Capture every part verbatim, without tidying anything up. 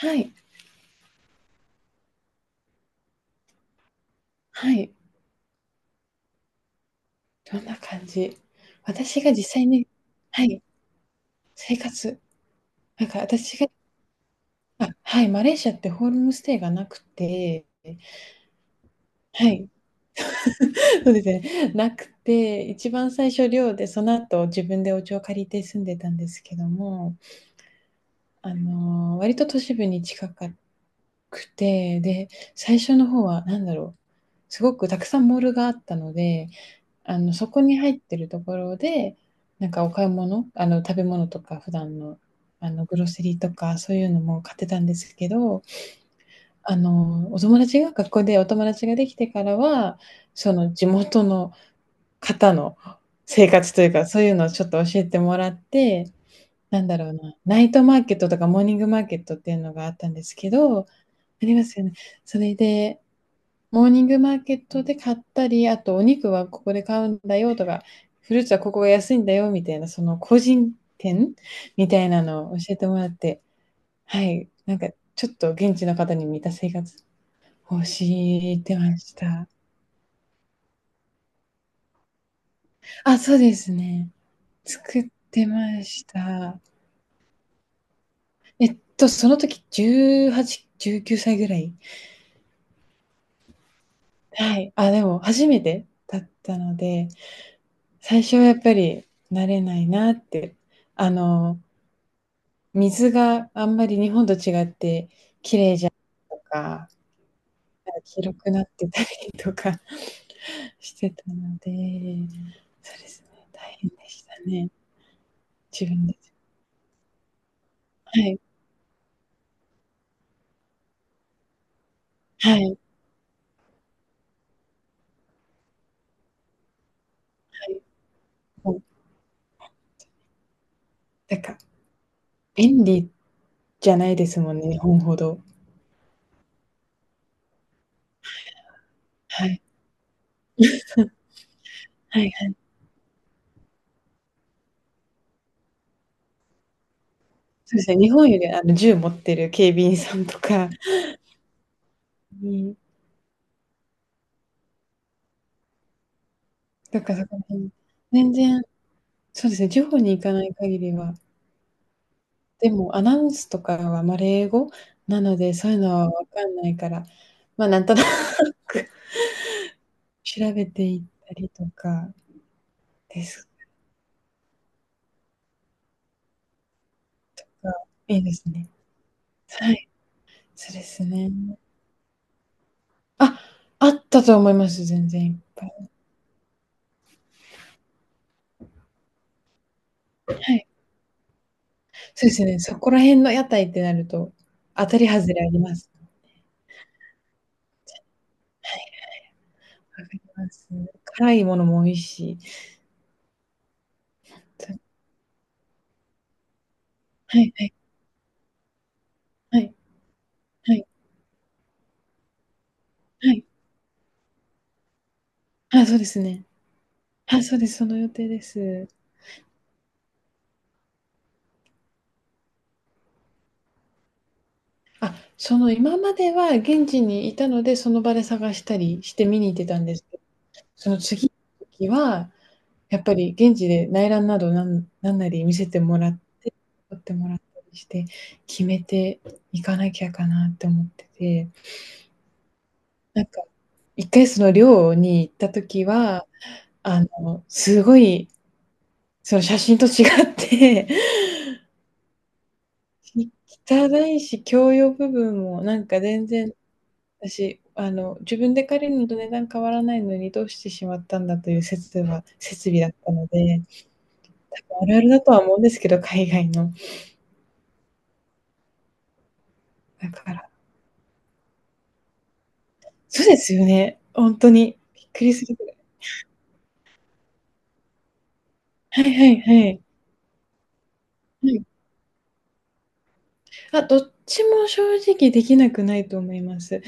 はい、はい。どんな感じ。私が実際に、はい、生活、なんか私が、あ、はい、マレーシアってホームステイがなくて、はい、そうですね、なくて、一番最初寮で、その後自分でお家を借りて住んでたんですけども、あの、割と都市部に近かくて、で、最初の方は何だろう、すごくたくさんモールがあったので、あの、そこに入ってるところで、なんかお買い物、あの、食べ物とか普段の、あの、グロセリーとかそういうのも買ってたんですけど、あの、お友達が学校でお友達ができてからは、その地元の方の生活というか、そういうのをちょっと教えてもらって、なんだろうな、ナイトマーケットとかモーニングマーケットっていうのがあったんですけど、ありますよね。それでモーニングマーケットで買ったり、あとお肉はここで買うんだよとか、フルーツはここが安いんだよみたいな、その個人店みたいなのを教えてもらって、はい、なんかちょっと現地の方に似た生活をしてました。あ、そうですね。作ってました。えっと、その時じゅうはち、じゅうきゅうさいぐらい。はい。あ、でも初めてだったので、最初はやっぱり慣れないなって。あの、水があんまり日本と違ってとか、広くなってたりとか してたので、そうですね、大変でしたね、自分で。はい、はい、はい。もう、なんか、便利じゃないですもんね、日本ほど。はい、はいはい。そうですね、日本よりあの銃持ってる警備員さんとかに、とかそこら辺、全然、そうですね、地方に行かない限りは、でもアナウンスとかは、ま、英語なので、そういうのはわかんないから、ま、なんとなく 調べていったりとかですが、いいですね。はい、そうですね。あ、あったと思います、全然いっぱい。はい。そうですね、そこら辺の屋台ってなると、当たり外れあります。わかります。辛いものも美味しい。た、はいはいはいはいはい。あ、そうですね。あ、そうです、その予定です。あ、その今までは現地にいたので、その場で探したりして見に行ってたんですけど、その次の時は、やっぱり現地で内覧などなんなんなり見せてもらっ、撮ってもらったりして、決めていかなきゃかなって思ってて、なんか、いっかいその寮に行った時は、あの、すごい、その写真と違って、汚いし、共用部分もなんか全然私、あの、自分で借りるのと値段変わらないのにどうしてしまったんだという説は設備だったので、多分あるあるだとは思うんですけど、海外の。だから、そうですよね、ほんとに。びっくりするぐらい。はいはいはい。うん。あ、どっちも正直できなくないと思います。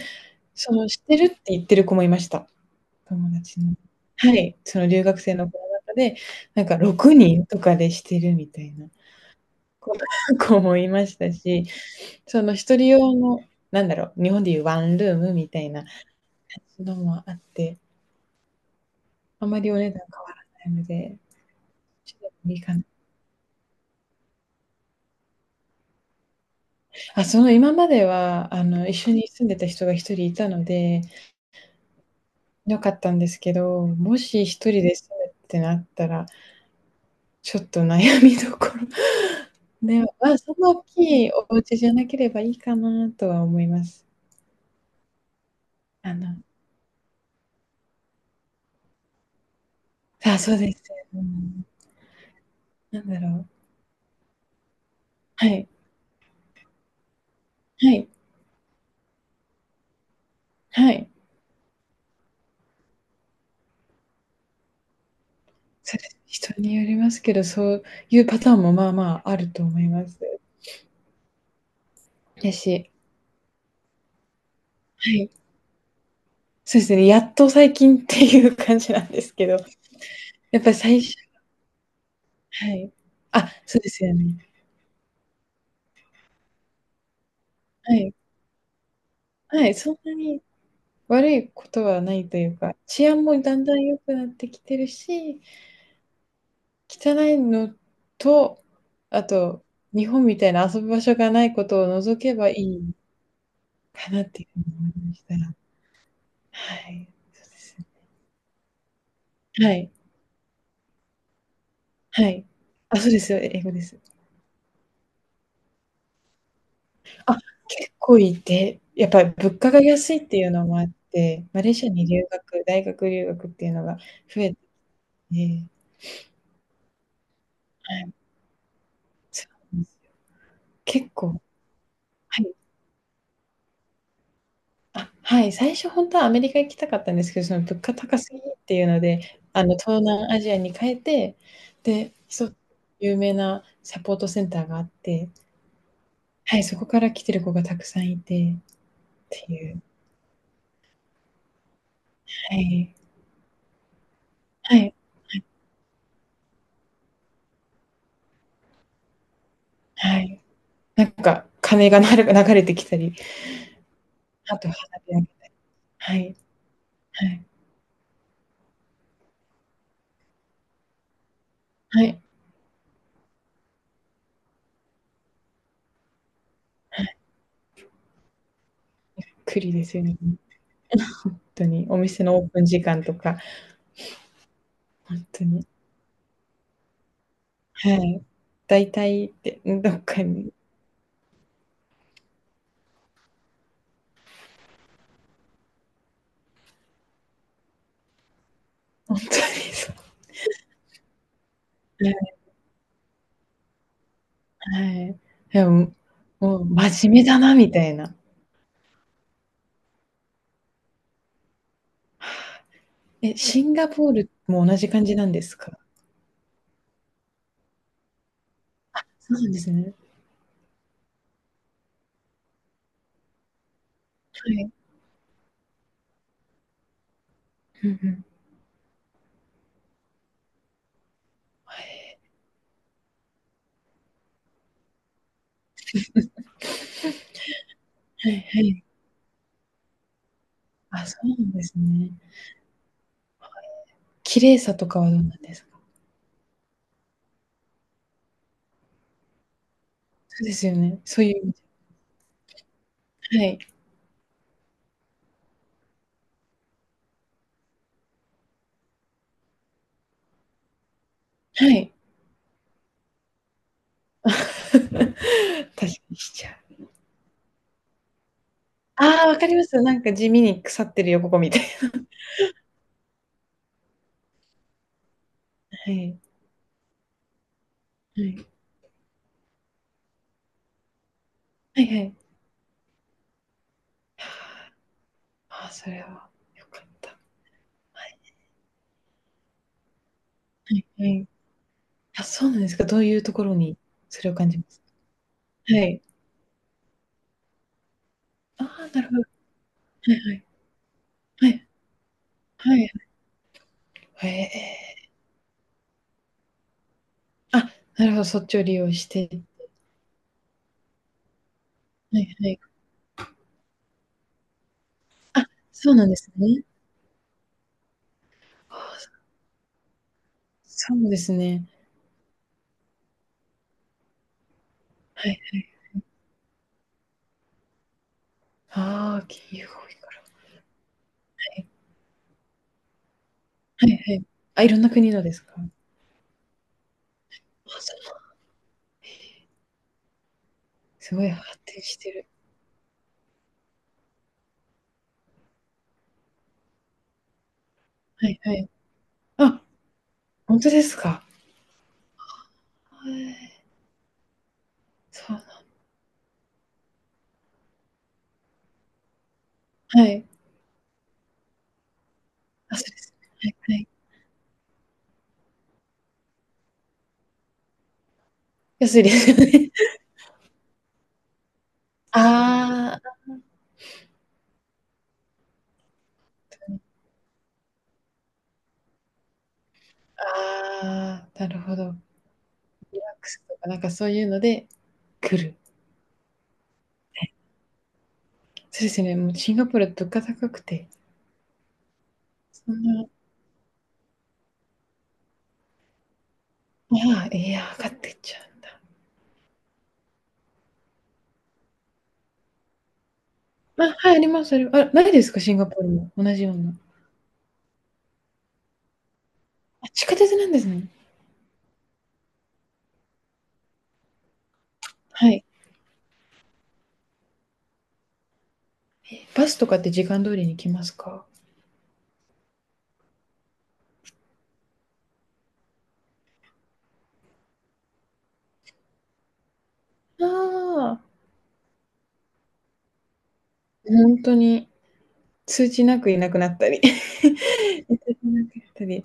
その、してるって言ってる子もいました、友達の。はい、その留学生の子の中で、なんかろくにんとかでしてるみたいな子 子もいましたし、その一人用の、なんだろう、日本でいうワンルームみたいなのもあって、あまりお値段変わらないので、ちょっといいかな。あ、その今までは、あの、一緒に住んでた人が一人いたので、良かったんですけど、もし一人で住むってなったら、ちょっと悩みどころ。で、まあ、そんな大きいお家じゃなければいいかなとは思います。あの、あ、そうです。うん、なんだろう。はい、はい、はい。それ、人によりますけど、そういうパターンもまあまああると思います。やし、はい。そうですね、やっと最近っていう感じなんですけど、やっぱり最初、はい。あ、そうですよね。はい。はい、そんなに悪いことはないというか、治安もだんだん良くなってきてるし、汚いのと、あと、日本みたいな遊ぶ場所がないことを除けばいいかなっていう風に思いました。はい、そうです。はい。はい。あ、そうですよ、え英語です。あ、結構いて、やっぱり物価が安いっていうのもあって、マレーシアに留学大学留学っていうのが増えて、はい、そうなんですよ。結構、はい。あ、はい、最初ほんとはアメリカ行きたかったんですけど、その物価高すぎっていうので、あの、東南アジアに変えて、で、そ有名なサポートセンターがあって、はい、そこから来てる子がたくさんいてっていう、はい。はい、はい。なんか鐘が流れてきたり、あと花火、はいはいはい。栗ですよね、本当に。お店のオープン時間とか、本当に。はい。大体って、どっかに、本当にそう。はいはい。でも、もう真面目だなみたいな。え、シンガポールも同じ感じなんですか？そうなんですね。はい。うんうん。はいはい。あ、そうなんですね。綺麗さとかはどうなんですか？そうですよね。そういう意味で、はい、はい。確かにしちゃう。ああ、わかります。なんか地味に腐ってるよ、ここみたいな。はい。はい。はいはい。ああ、それは良かった。はいはいはい。あ、そうなんですか。どういうところにそれを感じますか、はい。ああ、なるほど。はいはい。はい。はい。へえ。あ、なるほど、そっちを利用して。はいはい。あ、そうなんですね。ああ、そそうですね。はい。ああ、金融が多いから。はいはいはい。あ、いろんな国のですか？あ、そう、すごい発展してる。はいはい。あ、本当ですか。はい。そうな、はい。あ、そうですね。はいはい。安いですよね。ああ、ああ、なるほど。ワックスとか、なんかそういうので来る。そうですね、もうシンガポールは物価高くて、そんな、ああ、いや、上がってっちゃうんだ。あ、はい、あります、ありますあ、ないですか、シンガポールも同じような。あ、地下鉄なんですね。はい。えバスとかって時間通りに来ますか？ああー、本当に。通知なくいなくなったり 通知なくなったり